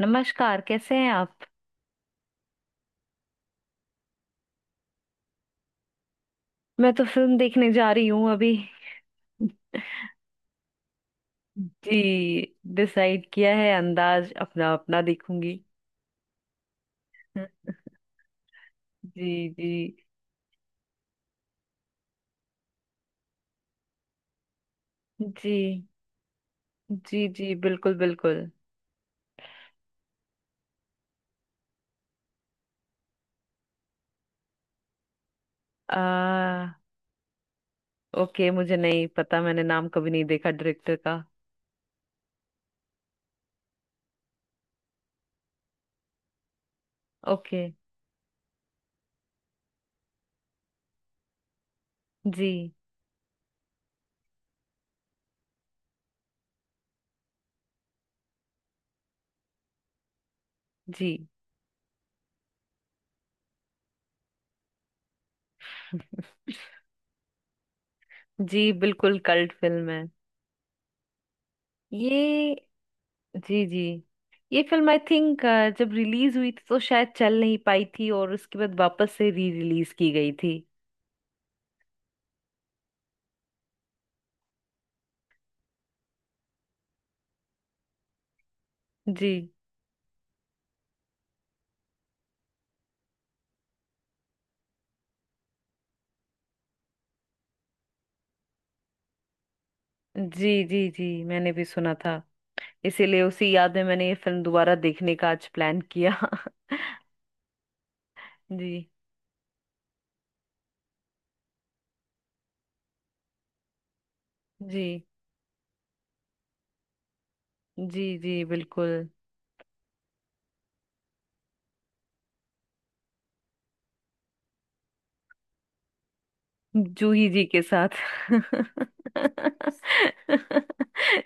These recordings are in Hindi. नमस्कार, कैसे हैं आप। मैं तो फिल्म देखने जा रही हूँ अभी। जी, डिसाइड किया है, अंदाज अपना अपना देखूंगी। जी जी जी जी जी बिल्कुल बिल्कुल। आ ओके, मुझे नहीं पता, मैंने नाम कभी नहीं देखा डायरेक्टर का। ओके। जी जी जी बिल्कुल कल्ट फिल्म है ये। जी जी ये फिल्म आई थिंक जब रिलीज हुई थी तो शायद चल नहीं पाई थी और उसके बाद वापस से री रिलीज की गई थी। जी जी जी। जी, मैंने भी सुना था, इसीलिए उसी याद में मैंने ये फिल्म दोबारा देखने का आज प्लान किया। जी जी जी। जी बिल्कुल। जूही जी के साथ।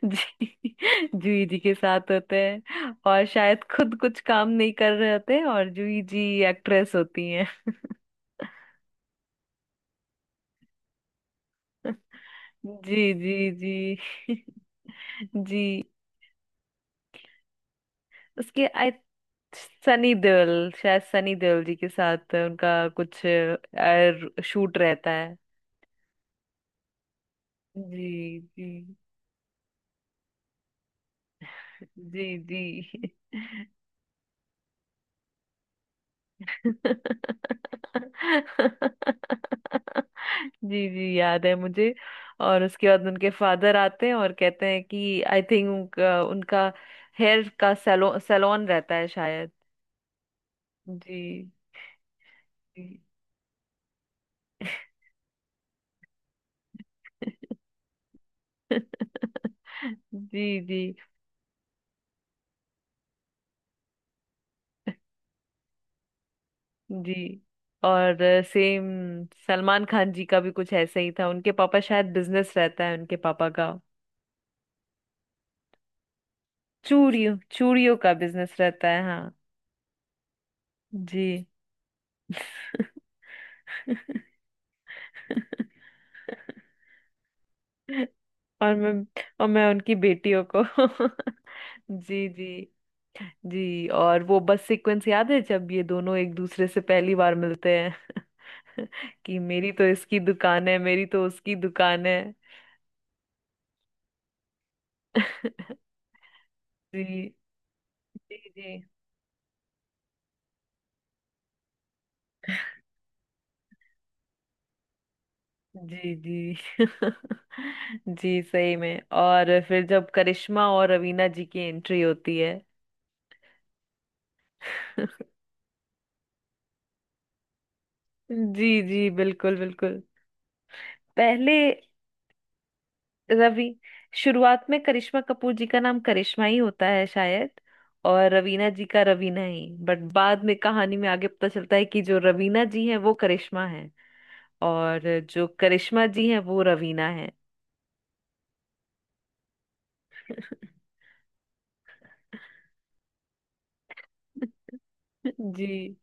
जी। जूही जी के साथ होते हैं और शायद खुद कुछ काम नहीं कर रहे होते हैं, और जूही जी एक्ट्रेस होती हैं। जी जी जी। जी। उसके आई सनी देओल, शायद सनी देओल जी के साथ उनका कुछ शूट रहता है। जी जी जी जी जी जी, याद है मुझे। और उसके बाद उनके फादर आते हैं और कहते हैं कि आई थिंक उनका हेयर का सैलो सैलून रहता है शायद। जी जी जी जी जी। और सेम, सलमान खान जी का भी कुछ ऐसा ही था, उनके पापा शायद बिजनेस रहता है, उनके पापा का चूड़ियों चूड़ियों का बिजनेस रहता है हाँ। जी। और मैं और मैं उनकी बेटियों को। जी जी जी। और वो बस सीक्वेंस याद है जब ये दोनों एक दूसरे से पहली बार मिलते हैं। कि मेरी तो इसकी दुकान है, मेरी तो उसकी दुकान है। जी जी जी जी जी जी सही में। और फिर जब करिश्मा और रवीना जी की एंट्री होती है। जी जी बिल्कुल बिल्कुल। पहले रवि शुरुआत में करिश्मा कपूर जी का नाम करिश्मा ही होता है शायद, और रवीना जी का रवीना ही, बट बाद में कहानी में आगे पता चलता है कि जो रवीना जी हैं वो करिश्मा हैं, और जो करिश्मा जी हैं वो रवीना हैं। जी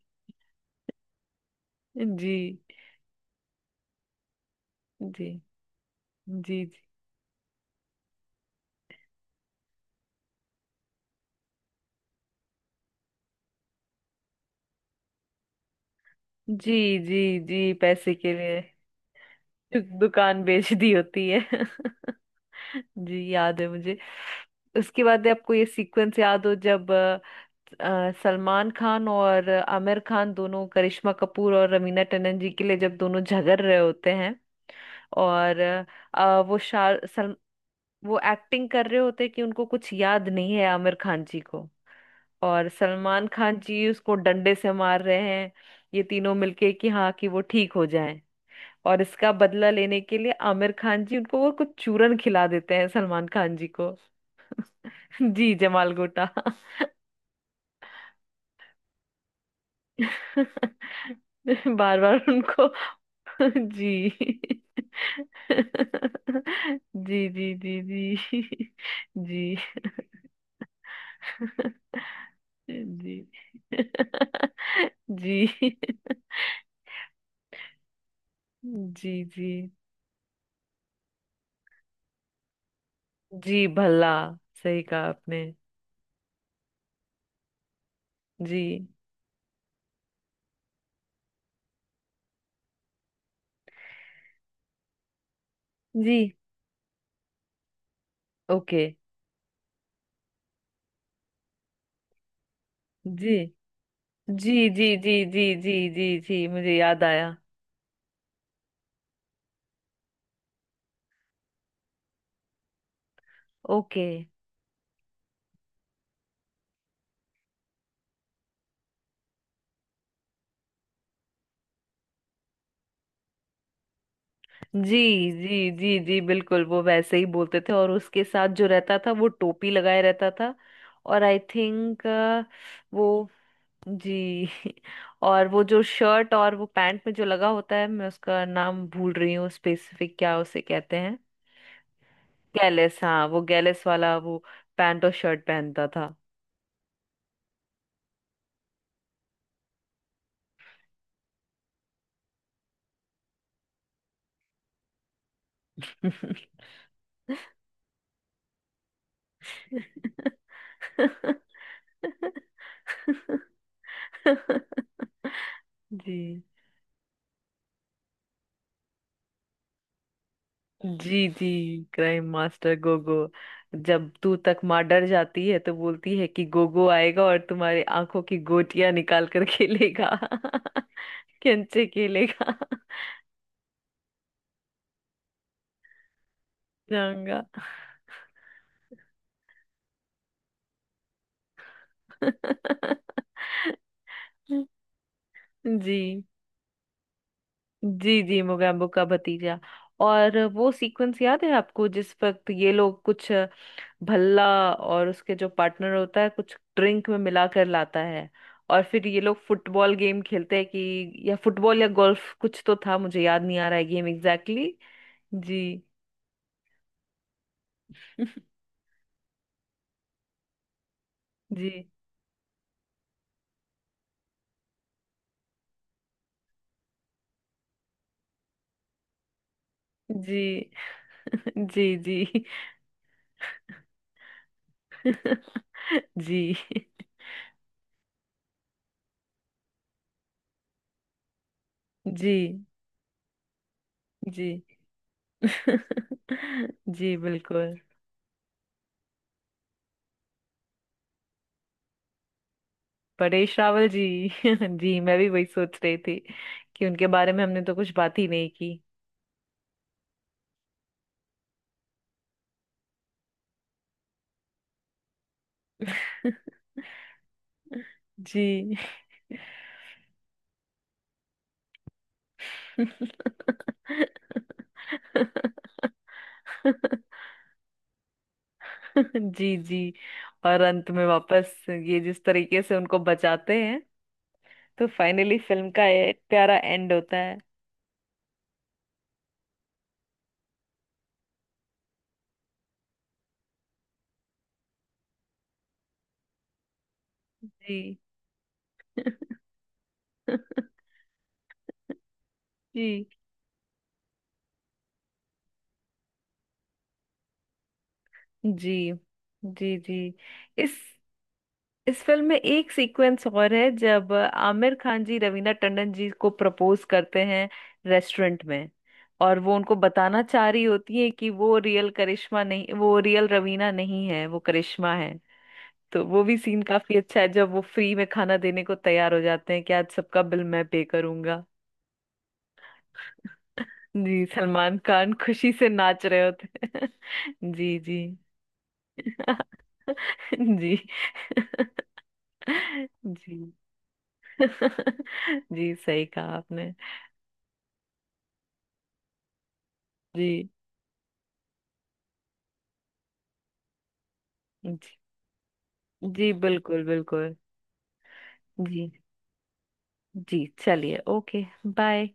जी जी जी जी जी जी जी पैसे के लिए। दुकान बेच दी होती है। जी, याद है मुझे। आपको ये सीक्वेंस याद हो जब सलमान खान और आमिर खान दोनों करिश्मा कपूर और रवीना टंडन जी के लिए जब दोनों झगड़ रहे होते हैं। और अ, वो शार सल, वो एक्टिंग कर रहे होते हैं कि उनको कुछ याद नहीं है, आमिर खान जी को, और सलमान खान जी उसको डंडे से मार रहे हैं, ये तीनों मिलके कि हाँ कि वो ठीक हो जाए। और इसका बदला लेने के लिए आमिर खान जी उनको वो कुछ चूरन खिला देते हैं, सलमान खान जी को। जी, जमाल गोटा। बार बार उनको। जी जी जी जी जी जी जी जी जी जी जी भला, सही कहा आपने। जी जी। ओके। जी जी जी जी जी जी जी जी मुझे याद आया। ओके। जी जी जी जी बिल्कुल, वो वैसे ही बोलते थे, और उसके साथ जो रहता था वो टोपी लगाए रहता था, और आई थिंक वो। जी। और वो जो शर्ट और वो पैंट में जो लगा होता है, मैं उसका नाम भूल रही हूँ, स्पेसिफिक क्या उसे कहते हैं। गैलेस, हाँ वो गैलेस वाला वो पैंट और शर्ट पहनता था। जी जी जी क्राइम मास्टर गोगो। जब तू तक माँ डर जाती है तो बोलती है कि गोगो आएगा और तुम्हारी आंखों की गोटियां निकाल कर खेलेगा। कंचे खेलेगा। जाऊंगा। जी जी जी मोगैम्बो का भतीजा। और वो सीक्वेंस याद है आपको जिस वक्त ये लोग कुछ, भल्ला और उसके जो पार्टनर होता है, कुछ ड्रिंक में मिला कर लाता है, और फिर ये लोग फुटबॉल गेम खेलते हैं कि या फुटबॉल या गोल्फ कुछ तो था, मुझे याद नहीं आ रहा है गेम एग्जैक्टली। जी जी जी जी जी जी जी जी जी बिल्कुल। परेश रावल जी। जी, मैं भी वही सोच रही थी, कि उनके बारे में हमने तो कुछ बात ही नहीं की। जी जी जी और अंत में वापस ये जिस तरीके से उनको बचाते हैं, तो फाइनली फिल्म का ये प्यारा एंड होता है। जी जी जी जी जी इस इस फिल्म में एक सीक्वेंस और है जब आमिर खान जी रवीना टंडन जी को प्रपोज करते हैं रेस्टोरेंट में, और वो उनको बताना चाह रही होती है कि वो रियल करिश्मा नहीं, वो रियल रवीना नहीं है, वो करिश्मा है। तो वो भी सीन काफी अच्छा है जब वो फ्री में खाना देने को तैयार हो जाते हैं कि आज सबका बिल मैं पे करूंगा। जी, सलमान खान खुशी से नाच रहे होते हैं। जी जी जी जी जी सही कहा आपने। जी जी जी बिल्कुल बिल्कुल। जी जी, चलिए ओके। बाय।